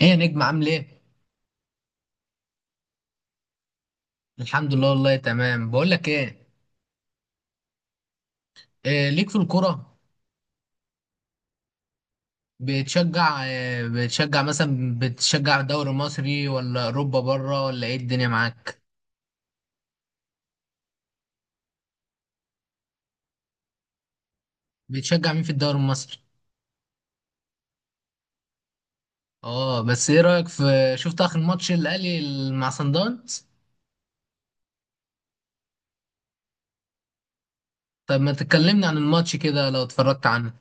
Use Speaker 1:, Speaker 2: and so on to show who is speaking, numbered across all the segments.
Speaker 1: ايه يا نجم عامل ايه؟ الحمد لله والله تمام. بقول لك ايه، إيه ليك في الكرة؟ بتشجع مثلا، بتشجع الدوري المصري ولا اوروبا بره ولا ايه الدنيا معاك؟ بتشجع مين في الدوري المصري؟ اه، بس ايه رأيك في، شفت اخر ماتش الاهلي مع صن داونز؟ طب ما تكلمني عن الماتش كده لو اتفرجت عنه.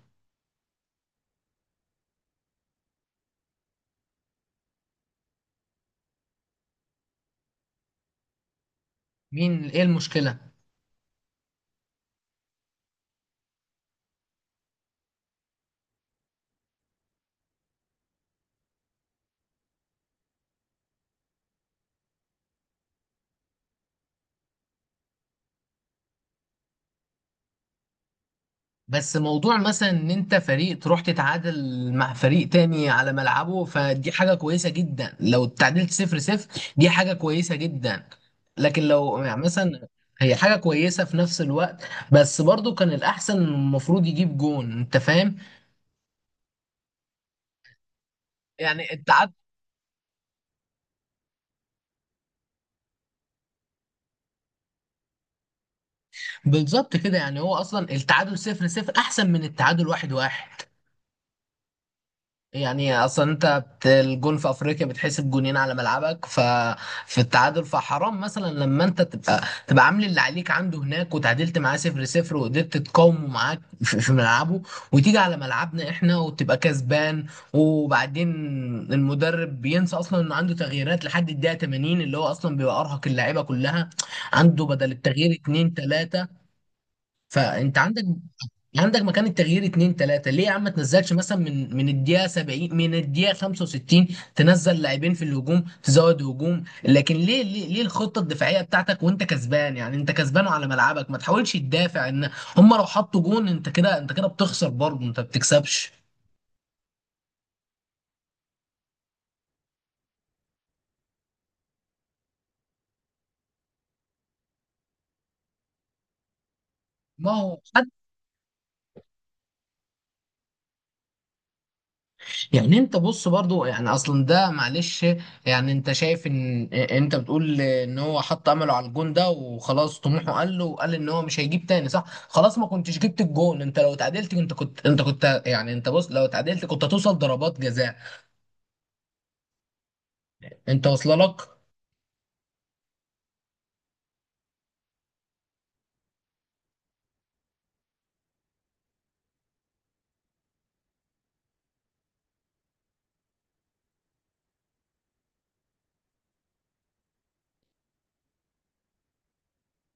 Speaker 1: ايه المشكلة؟ بس موضوع مثلا ان انت فريق تروح تتعادل مع فريق تاني على ملعبه، فدي حاجة كويسة جدا لو اتعادلت 0-0، دي حاجة كويسة جدا. لكن لو يعني مثلا، هي حاجة كويسة في نفس الوقت، بس برضو كان الأحسن المفروض يجيب جون، أنت فاهم؟ يعني التعادل. بالظبط كده، يعني هو أصلا التعادل 0-0 أحسن من التعادل 1-1. يعني اصلا الجون في افريقيا بتحسب جونين على ملعبك، ففي التعادل، فحرام مثلا لما انت تبقى عامل اللي عليك عنده هناك وتعادلت معاه 0-0، وقدرت تقاومه معاك في ملعبه، وتيجي على ملعبنا احنا وتبقى كسبان. وبعدين، المدرب بينسى اصلا انه عنده تغييرات لحد الدقيقة 80 اللي هو اصلا بيبقى ارهق اللعيبة كلها. عنده بدل التغيير اتنين تلاتة، فانت عندك، عندك مكان التغيير اتنين تلاتة، ليه يا عم ما تنزلش مثلا من الدقيقة 70، من الدقيقة 65. تنزل لاعبين في الهجوم، تزود هجوم، لكن ليه ليه ليه الخطة الدفاعية بتاعتك وانت كسبان؟ يعني انت كسبان على ملعبك، ما تحاولش تدافع ان هم لو حطوا جون، انت كده بتخسر برضه، انت ما بتكسبش. ما هو، يعني انت بص برضو، يعني اصلا ده معلش. يعني انت شايف ان انت بتقول ان هو حط امله على الجون ده وخلاص طموحه قل له، وقال ان هو مش هيجيب تاني، صح، خلاص ما كنتش جبت الجون. انت لو اتعادلت، انت كنت يعني انت بص لو اتعادلت كنت هتوصل ضربات جزاء. انت واصله لك.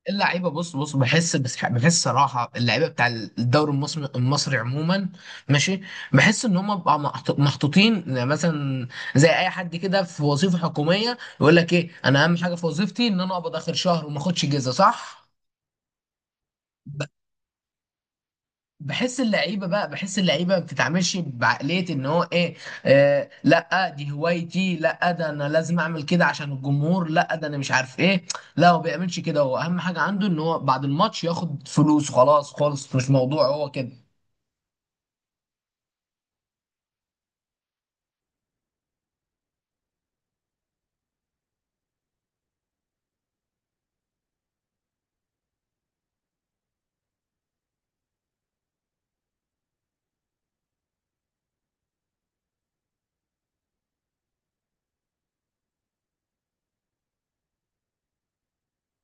Speaker 1: اللعيبه بص بص، بحس بس بحس صراحه، اللعيبه بتاع الدوري المصري، المصري عموما، ماشي، بحس ان هم بقى محطوطين مثلا زي اي حد كده في وظيفه حكوميه، يقول لك ايه، انا اهم حاجه في وظيفتي ان انا اقبض اخر شهر وما اخدش جزء صح. بحس اللعيبه ما بتتعاملش بعقليه ان هو ايه. آه لا، دي هوايتي، لا ده انا لازم اعمل كده عشان الجمهور، لا ده انا مش عارف ايه. لا هو بيعملش كده، هو اهم حاجه عنده ان هو بعد الماتش ياخد فلوس، خلاص خالص مش موضوع هو كده.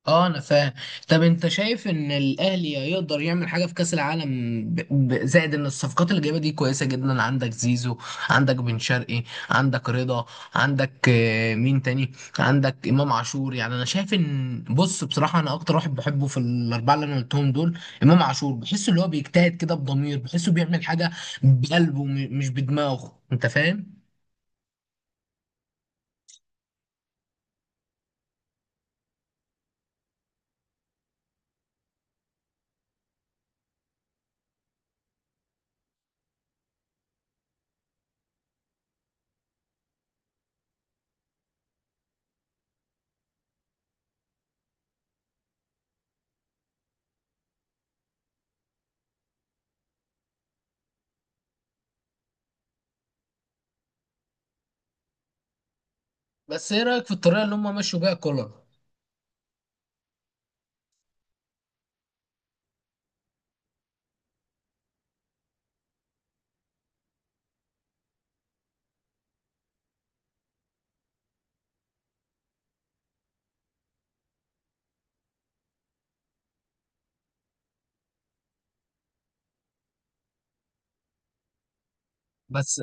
Speaker 1: اه انا فاهم. طب انت شايف ان الاهلي يقدر يعمل حاجه في كاس العالم؟ زائد ان الصفقات اللي جايبه دي كويسه جدا، عندك زيزو، عندك بن شرقي، عندك رضا، عندك مين تاني، عندك امام عاشور. يعني انا شايف ان، بص بصراحه، انا اكتر واحد بحبه في الاربعه اللي انا قلتهم دول امام عاشور، بحسه اللي هو بيجتهد كده بضمير، بحسه بيعمل حاجه بقلبه مش بدماغه، انت فاهم. بس ايه رايك في الطريقه اللي هم مشوا بيها كولر؟ بس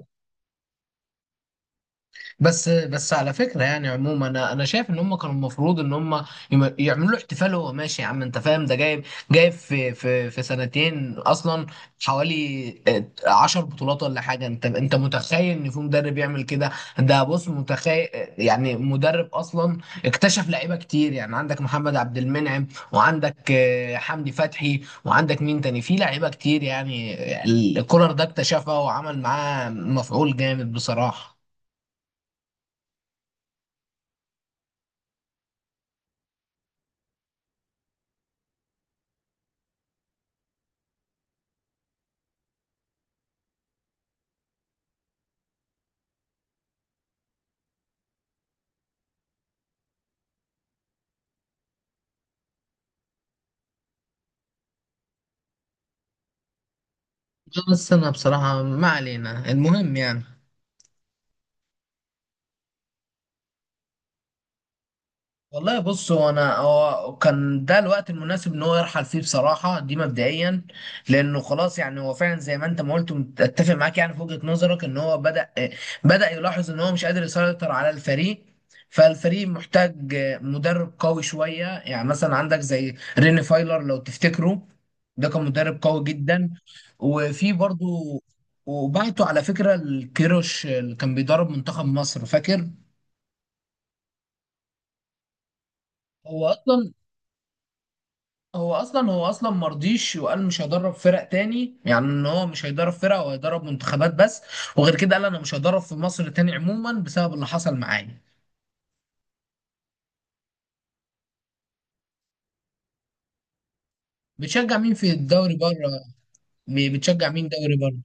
Speaker 1: بس بس على فكره يعني عموما، انا شايف ان هم كانوا المفروض ان هم يعملوا له احتفال وهو ماشي يا عم، انت فاهم، ده جايب في سنتين اصلا، حوالي 10 بطولات ولا حاجه. انت انت متخيل ان في مدرب يعمل كده؟ ده بص متخيل، يعني مدرب اصلا اكتشف لعيبه كتير، يعني عندك محمد عبد المنعم، وعندك حمدي فتحي، وعندك مين تاني في لعيبه كتير يعني. الكولر ده اكتشفها وعمل معاه مفعول جامد بصراحه. بس انا بصراحة، ما علينا، المهم يعني. والله بص، هو كان ده الوقت المناسب ان هو يرحل فيه بصراحه دي، مبدئيا لانه خلاص، يعني هو فعلا زي ما انت ما قلت، اتفق معاك يعني في وجهه نظرك ان هو بدا يلاحظ ان هو مش قادر يسيطر على الفريق. فالفريق محتاج مدرب قوي شويه، يعني مثلا عندك زي ريني فايلر لو تفتكره، ده كان مدرب قوي جدا. وفي برضو، وبعته على فكره الكيروش اللي كان بيدرب منتخب مصر، فاكر؟ هو اصلا هو اصلا مرضيش وقال مش هيدرب فرق تاني، يعني ان هو مش هيدرب فرق، هو هيدرب منتخبات بس. وغير كده قال انا مش هدرب في مصر تاني عموما بسبب اللي حصل معايا. بتشجع مين في الدوري بره؟ بتشجع مين دوري بره؟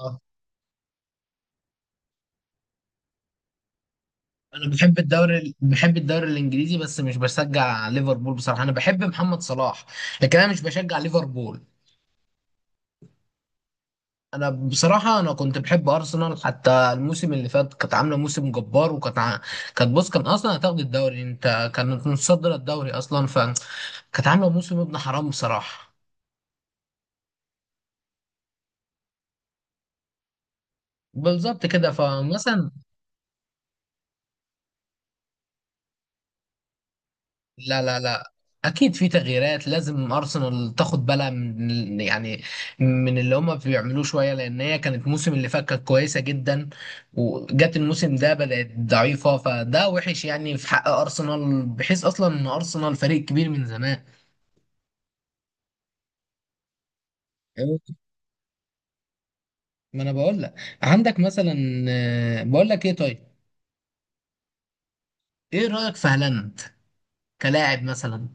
Speaker 1: اه، انا بحب الدوري الانجليزي بس مش بشجع ليفربول بصراحه، انا بحب محمد صلاح، لكن انا مش بشجع ليفربول. انا بصراحه، انا كنت بحب ارسنال، حتى الموسم اللي فات كانت عامله موسم جبار، وكانت كانت بص، كان اصلا هتاخد الدوري، انت كانت متصدره الدوري اصلا، فكانت عامله موسم ابن حرام بصراحه. بالظبط كده، فمثلا، لا لا لا، اكيد في تغييرات، لازم ارسنال تاخد بالها من، يعني من اللي هما بيعملوه شويه، لان هي كانت الموسم اللي فات كانت كويسه جدا، وجت الموسم ده بدات ضعيفه، فده وحش يعني في حق ارسنال بحيث اصلا ان ارسنال فريق كبير من زمان. أيوة. ما انا بقول لك، عندك مثلا، بقول لك ايه طيب، ايه رايك في هالاند كلاعب مثلا؟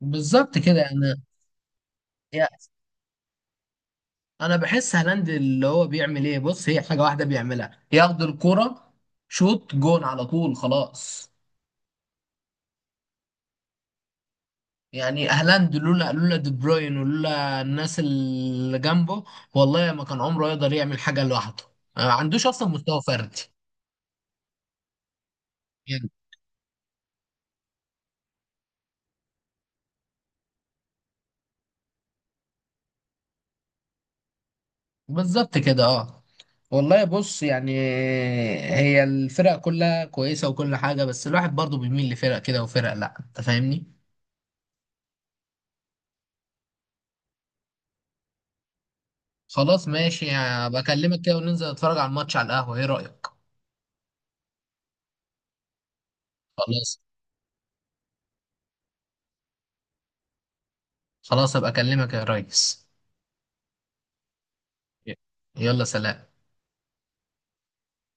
Speaker 1: بالظبط كده. انا بحس هالاند اللي هو بيعمل ايه، بص هي حاجه واحده بيعملها، ياخد الكرة، شوط جون على طول، خلاص. يعني هالاند لولا دي بروين ولولا الناس اللي جنبه، والله ما كان عمره يقدر يعمل حاجه لوحده. ما عندوش اصلا مستوى فردي يعني. بالظبط كده، اه، والله بص يعني هي الفرق كلها كويسه وكل حاجه، بس الواحد برضه بيميل لفرق كده وفرق لا، انت فاهمني. خلاص ماشي، بكلمك كده وننزل نتفرج على الماتش على القهوه، ايه رايك؟ خلاص، خلاص ابقى اكلمك يا ريس. ي- يلا سلام.